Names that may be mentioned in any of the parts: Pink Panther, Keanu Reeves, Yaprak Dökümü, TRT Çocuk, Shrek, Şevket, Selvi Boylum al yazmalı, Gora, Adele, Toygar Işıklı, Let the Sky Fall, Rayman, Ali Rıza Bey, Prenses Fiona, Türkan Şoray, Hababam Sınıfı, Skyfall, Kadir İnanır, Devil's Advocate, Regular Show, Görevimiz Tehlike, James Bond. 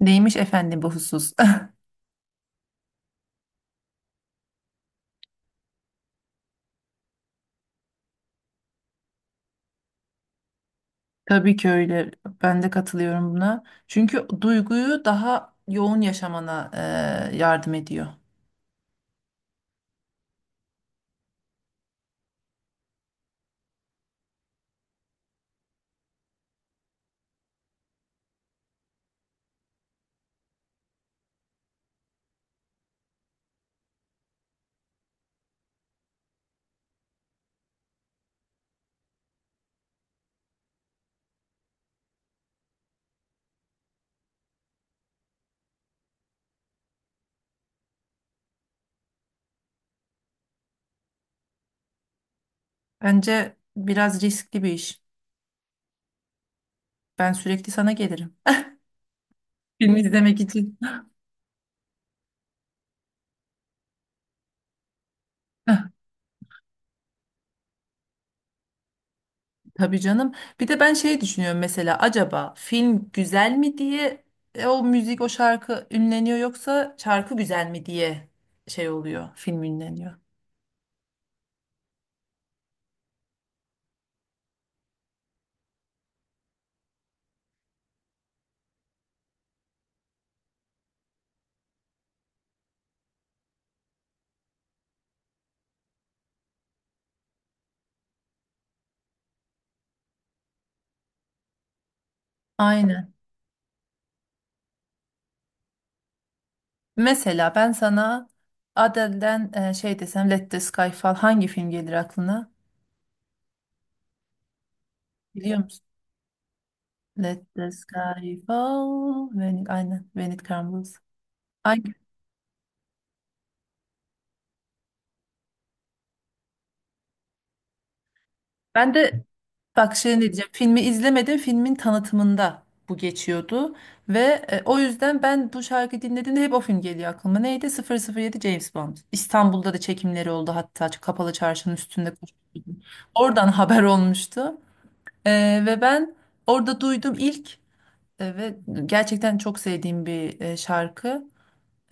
Neymiş efendim bu husus? Tabii ki öyle. Ben de katılıyorum buna. Çünkü duyguyu daha yoğun yaşamana yardım ediyor. Bence biraz riskli bir iş. Ben sürekli sana gelirim. Film izlemek için. Tabii canım. Bir de ben şey düşünüyorum mesela acaba film güzel mi diye o müzik o şarkı ünleniyor yoksa şarkı güzel mi diye şey oluyor film ünleniyor. Aynen. Mesela ben sana Adele'den şey desem Let the Sky Fall hangi film gelir aklına? Biliyor musun? Let the Sky Fall. When it, aynen. When it Crumbles. Hangi? Ben de bak şey ne diyeceğim. Filmi izlemedim. Filmin tanıtımında bu geçiyordu. Ve O yüzden ben bu şarkıyı dinlediğimde hep o film geliyor aklıma. Neydi? Sıfır sıfır yedi James Bond. İstanbul'da da çekimleri oldu. Hatta kapalı çarşının üstünde koşuyordu. Oradan haber olmuştu. Ve ben orada duydum ilk. Evet, gerçekten çok sevdiğim bir şarkı.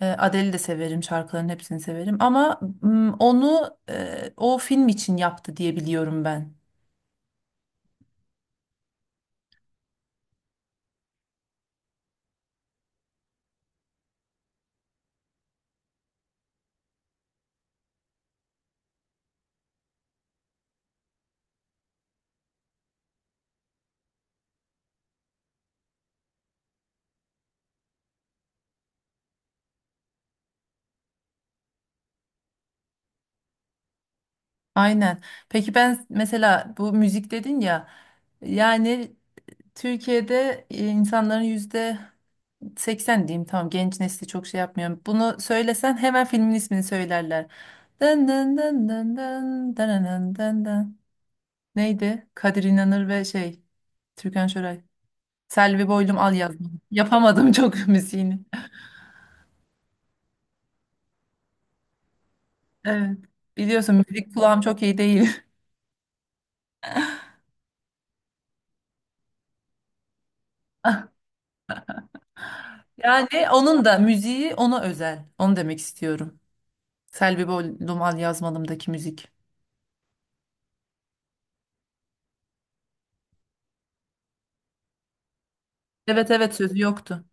Adele'i de severim, şarkıların hepsini severim. Ama onu o film için yaptı diye biliyorum ben. Aynen. Peki ben mesela bu müzik dedin ya, yani Türkiye'de insanların yüzde 80 diyeyim, tamam, genç nesli çok şey yapmıyor. Bunu söylesen hemen filmin ismini söylerler. Dın dın dın dın dın dın dın dın dın. Neydi? Kadir İnanır ve şey Türkan Şoray. Selvi Boylum Al Yazdım. Yapamadım çok müziğini. Evet. Biliyorsun müzik kulağım çok iyi değil. Yani onun da müziği ona özel. Onu demek istiyorum. Selvi Boylum Al Yazmalımdaki müzik. Evet, evet, sözü yoktu.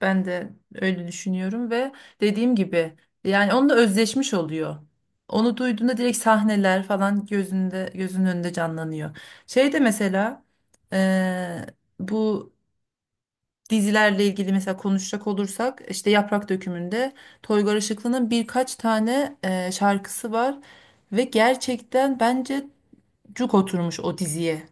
Ben de öyle düşünüyorum ve dediğim gibi yani onunla özleşmiş oluyor. Onu duyduğunda direkt sahneler falan gözünde gözünün önünde canlanıyor. Şey de mesela eee, bu dizilerle ilgili mesela konuşacak olursak işte Yaprak Dökümü'nde Toygar Işıklı'nın birkaç tane şarkısı var ve gerçekten bence cuk oturmuş o diziye.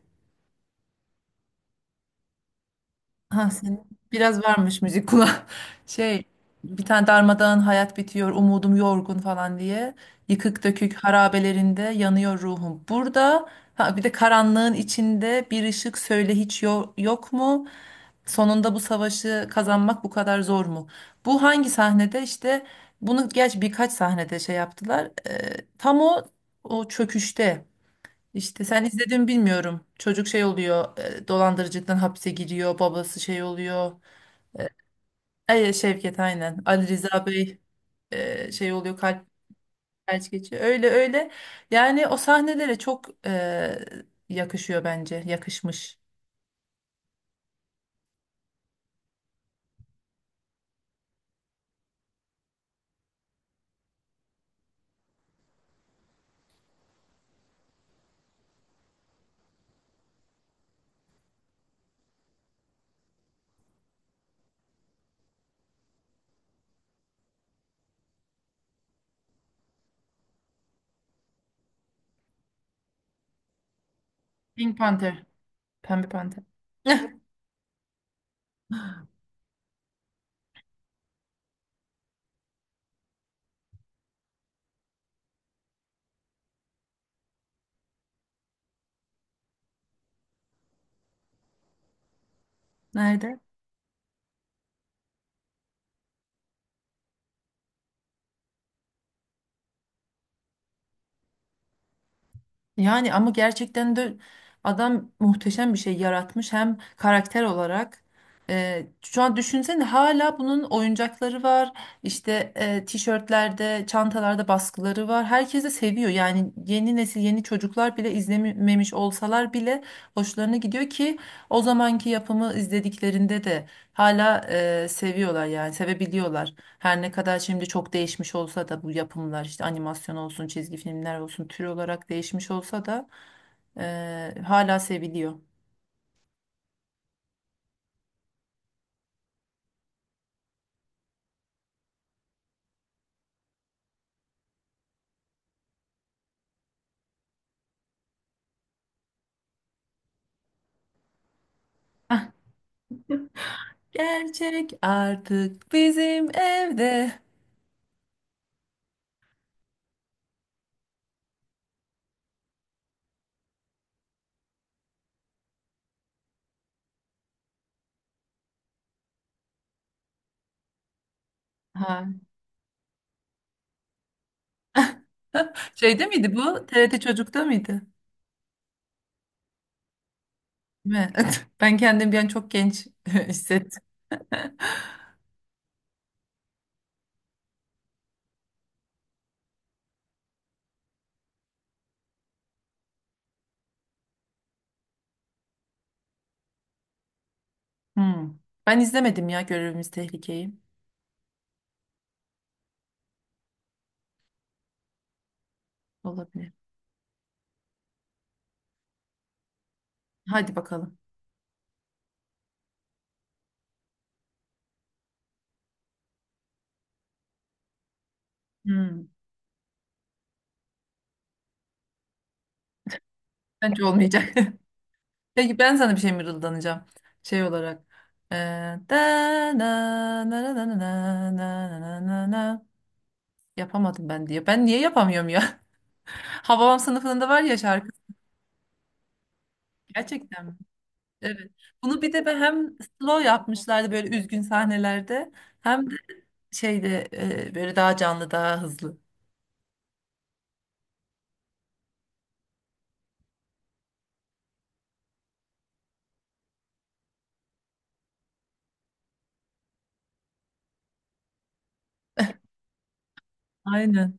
Ha, senin biraz varmış müzik kulağı. Şey, bir tane darmadağın hayat bitiyor umudum yorgun falan diye. Yıkık dökük harabelerinde yanıyor ruhum. Burada ha, bir de karanlığın içinde bir ışık söyle hiç yok mu? Sonunda bu savaşı kazanmak bu kadar zor mu? Bu hangi sahnede işte bunu geç birkaç sahnede şey yaptılar. Tam o çöküşte. İşte sen izledin mi bilmiyorum. Çocuk şey oluyor, dolandırıcılıktan hapse giriyor, babası şey oluyor. Ay Şevket, aynen. Ali Rıza Bey şey oluyor, kalp felç geçiyor. Öyle öyle. Yani o sahnelere çok yakışıyor bence. Yakışmış. Pink Panther. Pembe Panther. Nerede? Yani ama gerçekten de adam muhteşem bir şey yaratmış hem karakter olarak. Şu an düşünsene hala bunun oyuncakları var. İşte tişörtlerde, çantalarda baskıları var. Herkes de seviyor. Yani yeni nesil, yeni çocuklar bile izlememiş olsalar bile hoşlarına gidiyor ki o zamanki yapımı izlediklerinde de hala seviyorlar yani sevebiliyorlar. Her ne kadar şimdi çok değişmiş olsa da bu yapımlar işte animasyon olsun, çizgi filmler olsun tür olarak değişmiş olsa da hala seviliyor. Ah, gerçek artık bizim evde. Ha. Şeyde miydi bu? TRT Çocuk'ta mıydı? Mi? Ben kendim bir an çok genç hissettim. Hmm. Ben izlemedim ya Görevimiz Tehlike'yi. Olabilir. Hadi bakalım. Hmm. Bence olmayacak. Peki ben sana bir şey mırıldanacağım. Şey olarak. Ee, da na na na na na na na na na na. Yapamadım ben diye. Ben niye yapamıyorum ya? Hababam Sınıfında var ya şarkı. Gerçekten mi? Evet. Bunu bir de hem slow yapmışlardı böyle üzgün sahnelerde. Hem de şeyde böyle daha canlı daha hızlı. Aynen.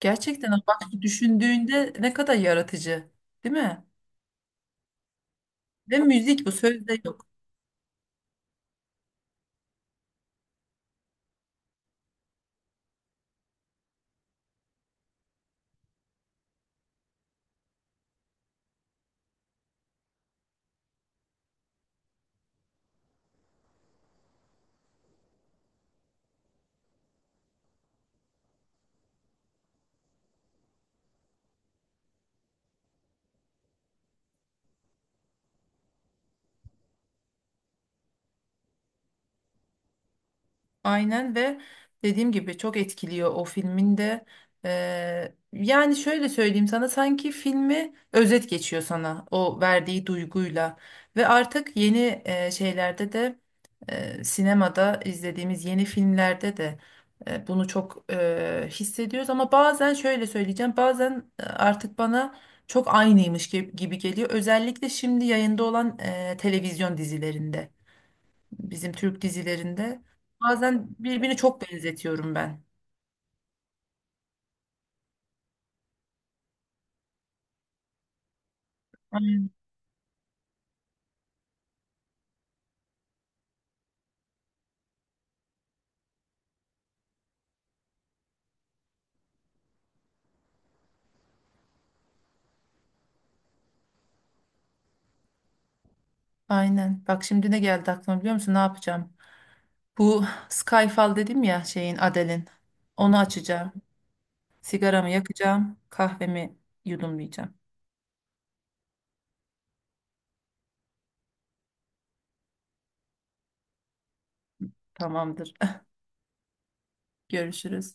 Gerçekten bak düşündüğünde ne kadar yaratıcı. Değil mi? Ve müzik bu sözde yok. Aynen ve dediğim gibi çok etkiliyor o filmin de. Yani şöyle söyleyeyim sana sanki filmi özet geçiyor sana o verdiği duyguyla. Ve artık yeni şeylerde de sinemada izlediğimiz yeni filmlerde de bunu çok hissediyoruz. Ama bazen şöyle söyleyeceğim bazen artık bana çok aynıymış gibi geliyor. Özellikle şimdi yayında olan televizyon dizilerinde bizim Türk dizilerinde. Bazen birbirini çok benzetiyorum ben. Aynen. Bak şimdi ne geldi aklıma biliyor musun? Ne yapacağım? Bu Skyfall dedim ya şeyin Adele'in. Onu açacağım. Sigaramı yakacağım. Kahvemi yudumlayacağım. Tamamdır. Görüşürüz.